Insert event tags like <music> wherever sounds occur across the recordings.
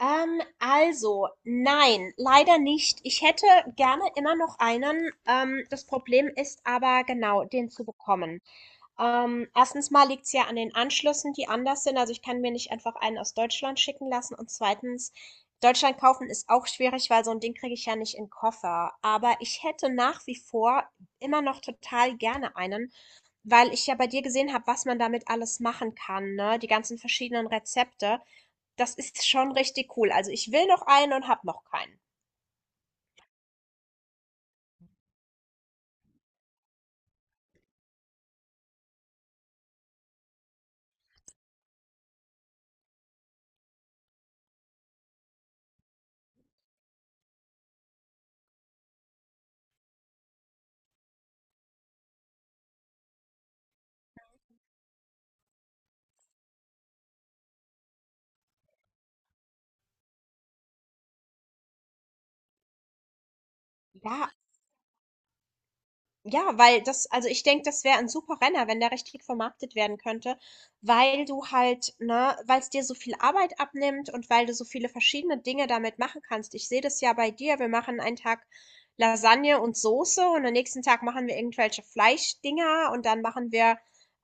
Also, nein, leider nicht. Ich hätte gerne immer noch einen. Das Problem ist aber genau, den zu bekommen. Erstens mal liegt es ja an den Anschlüssen, die anders sind. Also ich kann mir nicht einfach einen aus Deutschland schicken lassen. Und zweitens, Deutschland kaufen ist auch schwierig, weil so ein Ding kriege ich ja nicht in den Koffer. Aber ich hätte nach wie vor immer noch total gerne einen, weil ich ja bei dir gesehen habe, was man damit alles machen kann, ne? Die ganzen verschiedenen Rezepte. Das ist schon richtig cool. Also ich will noch einen und habe noch keinen. Ja. Ja, weil das also ich denke, das wäre ein super Renner, wenn der richtig vermarktet werden könnte, weil du halt ne, weil es dir so viel Arbeit abnimmt und weil du so viele verschiedene Dinge damit machen kannst. Ich sehe das ja bei dir, wir machen einen Tag Lasagne und Soße und am nächsten Tag machen wir irgendwelche Fleischdinger und dann machen wir,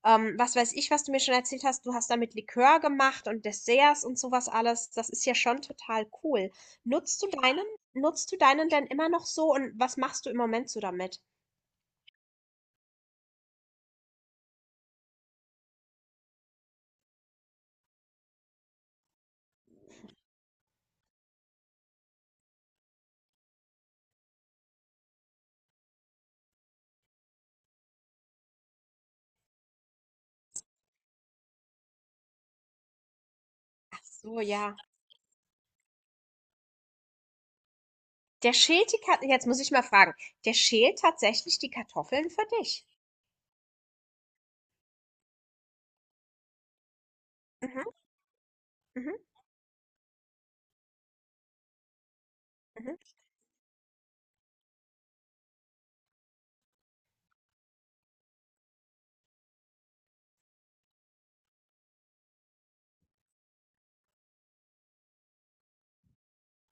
was weiß ich, was du mir schon erzählt hast, du hast damit Likör gemacht und Desserts und sowas alles. Das ist ja schon total cool. Nutzt du deinen nutzt du deinen denn immer noch so und was machst du im Moment so damit? So, ja. Der schält die Kartoffeln. Jetzt muss ich mal fragen. Der schält tatsächlich die Kartoffeln für dich. Mhm, mhm, mhm,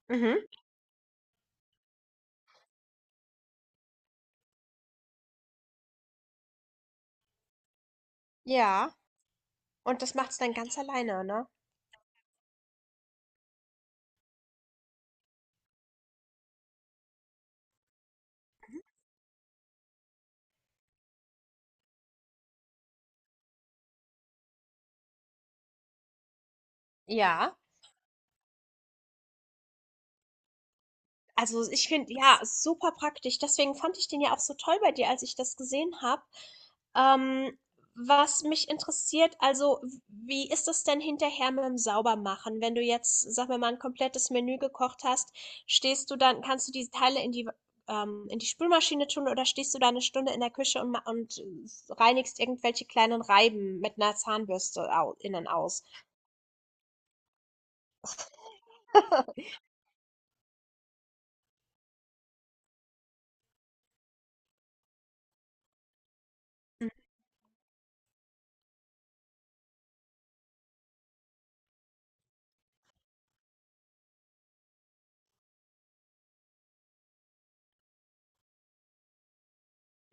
mhm. Ja. Und das macht's dann ganz alleine, ne? Ja. Also, ich finde, ja, super praktisch. Deswegen fand ich den ja auch so toll bei dir, als ich das gesehen habe. Ähm, Was mich interessiert, also, wie ist das denn hinterher mit dem Saubermachen? Wenn du jetzt, sag mal, ein komplettes Menü gekocht hast, stehst du dann, kannst du diese Teile in die Spülmaschine tun oder stehst du da eine Stunde in der Küche und, reinigst irgendwelche kleinen Reiben mit einer Zahnbürste au innen aus? <laughs>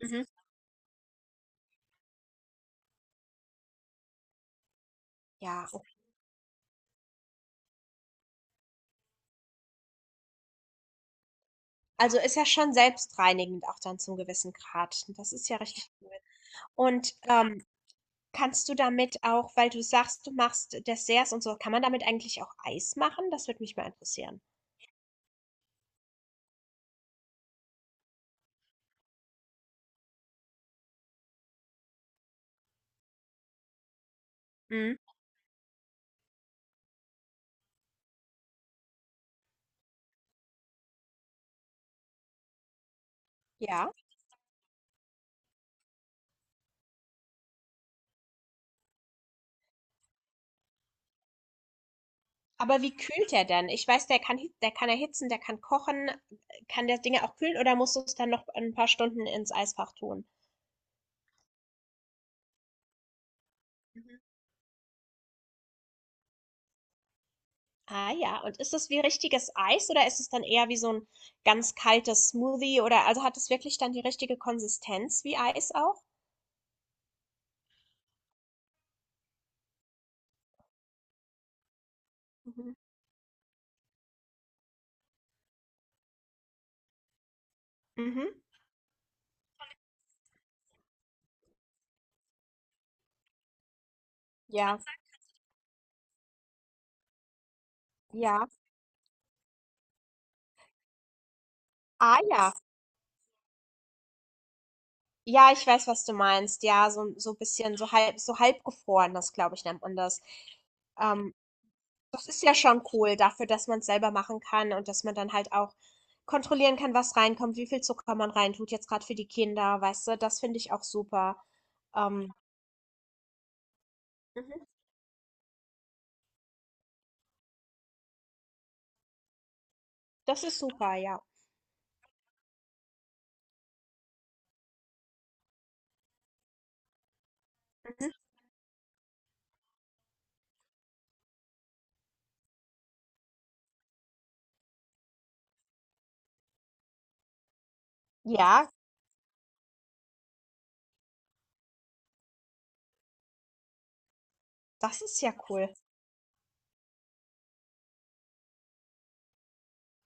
Mhm. Ja. Also, ist ja schon selbstreinigend auch dann zum gewissen Grad. Das ist ja richtig cool. Und, kannst du damit auch weil du sagst, du machst Desserts und so, kann man damit eigentlich auch Eis machen? Das würde mich mal interessieren. Mhm. Ja? Aber wie kühlt der denn? Ich weiß, der kann hi der kann erhitzen, der kann kochen. Kann der Dinge auch kühlen oder musst du es dann noch ein paar Stunden ins Eisfach tun? Mhm. Ah ja, und ist das wie richtiges Eis oder ist es dann eher wie so ein ganz kaltes Smoothie oder also, hat es wirklich dann die richtige Konsistenz wie Eis auch? Mhm. Mhm. Ja, ja. Ah ja. Ja, ich weiß, was du meinst. Ja, so, so ein bisschen, so halb, so halbgefroren, das glaube ich, nennt man das. Ähm, Das ist ja schon cool dafür, dass man es selber machen kann und dass man dann halt auch kontrollieren kann, was reinkommt, wie viel Zucker man reintut, jetzt gerade für die Kinder, weißt du, das finde ich auch super. Ähm, mhm. Das ist super, ja. Mhm. Ja, das ist ja cool.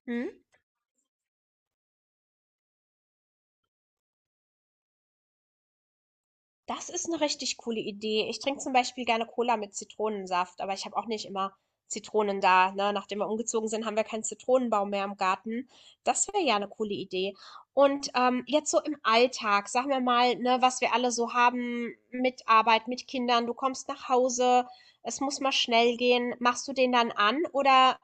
Hm? Das ist eine richtig coole Idee. Ich trinke zum Beispiel gerne Cola mit Zitronensaft, aber ich habe auch nicht immer Zitronen da, ne? Nachdem wir umgezogen sind, haben wir keinen Zitronenbaum mehr im Garten. Das wäre ja eine coole Idee. Und, jetzt so im Alltag, sagen wir mal, ne, was wir alle so haben mit Arbeit, mit Kindern, du kommst nach Hause, es muss mal schnell gehen. Machst du den dann an oder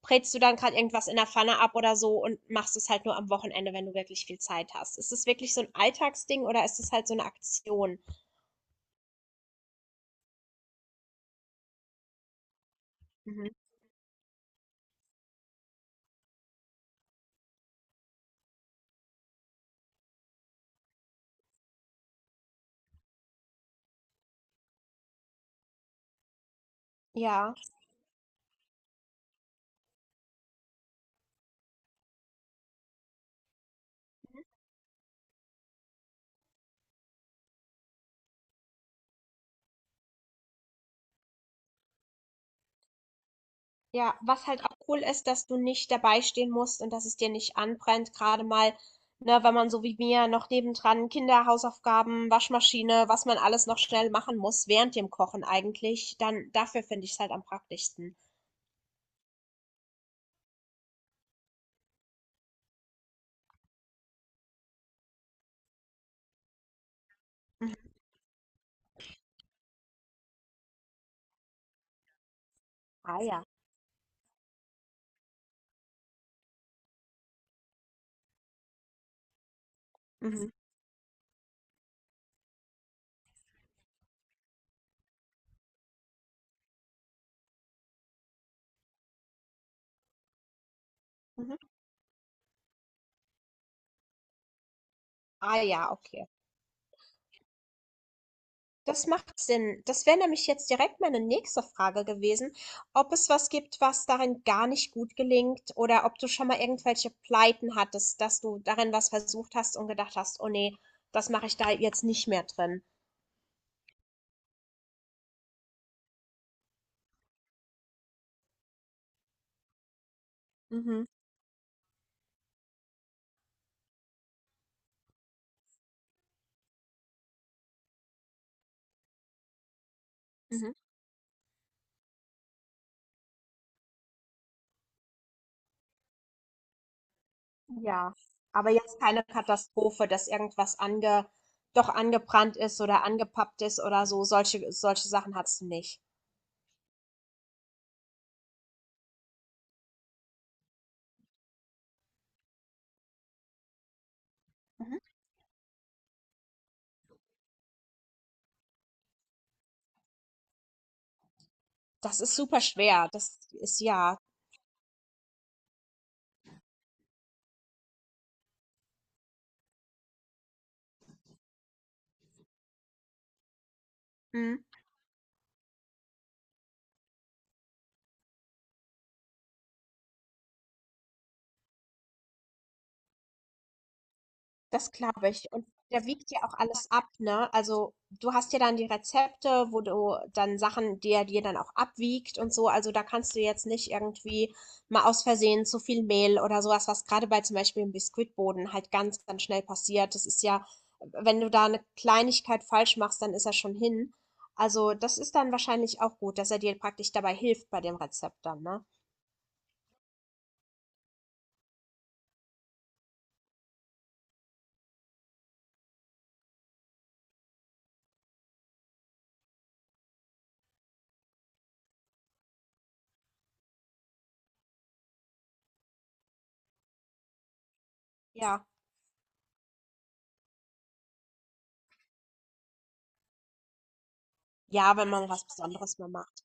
brätst du dann gerade irgendwas in der Pfanne ab oder so und machst es halt nur am Wochenende, wenn du wirklich viel Zeit hast? Ist es wirklich so ein Alltagsding oder ist es halt so eine Aktion? Mhm. Ja, ja, was halt auch cool ist, dass du nicht dabei stehen musst und dass es dir nicht anbrennt, gerade mal, ne, wenn man so wie mir noch nebendran Kinder, Hausaufgaben, Waschmaschine, was man alles noch schnell machen muss während dem Kochen eigentlich, dann dafür finde ich es halt am praktischsten. Mhm. Ah ja. Mhm. Mhm. Ah ja, okay. Das macht Sinn. Das wäre nämlich jetzt direkt meine nächste Frage gewesen, ob es was gibt, was darin gar nicht gut gelingt oder ob du schon mal irgendwelche Pleiten hattest, dass du darin was versucht hast und gedacht hast, oh nee, das mache ich da jetzt nicht mehr drin. Mhm, mhm. Ja, aber jetzt keine Katastrophe, dass doch angebrannt ist oder angepappt ist oder so. Solche Sachen hattest du nicht. Mhm. Das ist super schwer. Das ist ja. Mhm. Das glaube ich. Und der wiegt ja auch alles ab, ne? Also du hast ja dann die Rezepte, wo du dann Sachen, die er dir dann auch abwiegt und so. Also da kannst du jetzt nicht irgendwie mal aus Versehen zu viel Mehl oder sowas, was gerade bei zum Beispiel im Biskuitboden halt ganz schnell passiert. Das ist ja, wenn du da eine Kleinigkeit falsch machst, dann ist er schon hin. Also das ist dann wahrscheinlich auch gut, dass er dir praktisch dabei hilft bei dem Rezept dann, ne? Ja. Ja, wenn man was Besonderes mal macht.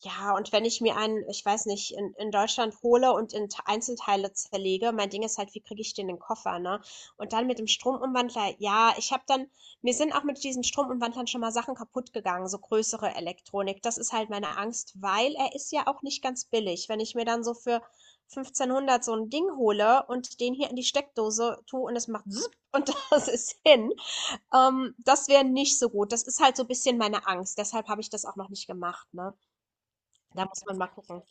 Ja, und wenn ich mir einen, ich weiß nicht, in Deutschland hole und in T Einzelteile zerlege mein Ding ist halt, wie kriege ich den in den Koffer, ne? Und dann mit dem Stromumwandler, ja, ich habe dann mir sind auch mit diesen Stromumwandlern schon mal Sachen kaputt gegangen so größere Elektronik. Das ist halt meine Angst, weil er ist ja auch nicht ganz billig. Wenn ich mir dann so für 1.500 so ein Ding hole und den hier in die Steckdose tue und es macht „Sup“ und <laughs> das ist hin, das wäre nicht so gut. Das ist halt so ein bisschen meine Angst. Deshalb habe ich das auch noch nicht gemacht, ne? Da muss man mal gucken.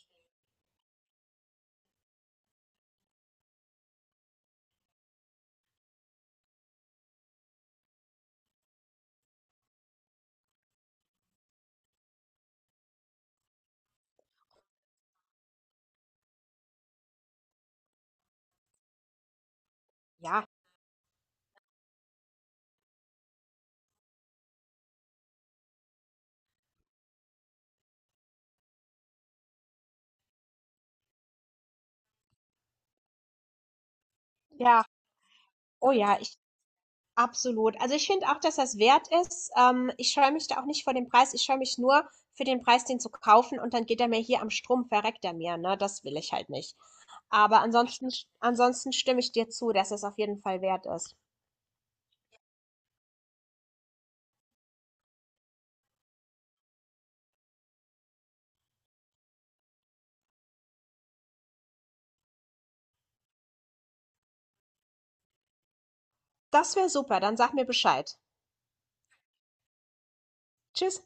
Ja, ja, oh ja, ich absolut. Also ich finde auch, dass das wert ist. Ich scheue mich da auch nicht vor dem Preis. Ich scheue mich nur für den Preis, den zu kaufen und dann geht er mir hier am Strom, verreckt er mir, ne? Das will ich halt nicht. Aber ansonsten, ansonsten stimme ich dir zu, dass es auf jeden Fall wert ist. Das wäre super. Dann sag mir Bescheid. Tschüss.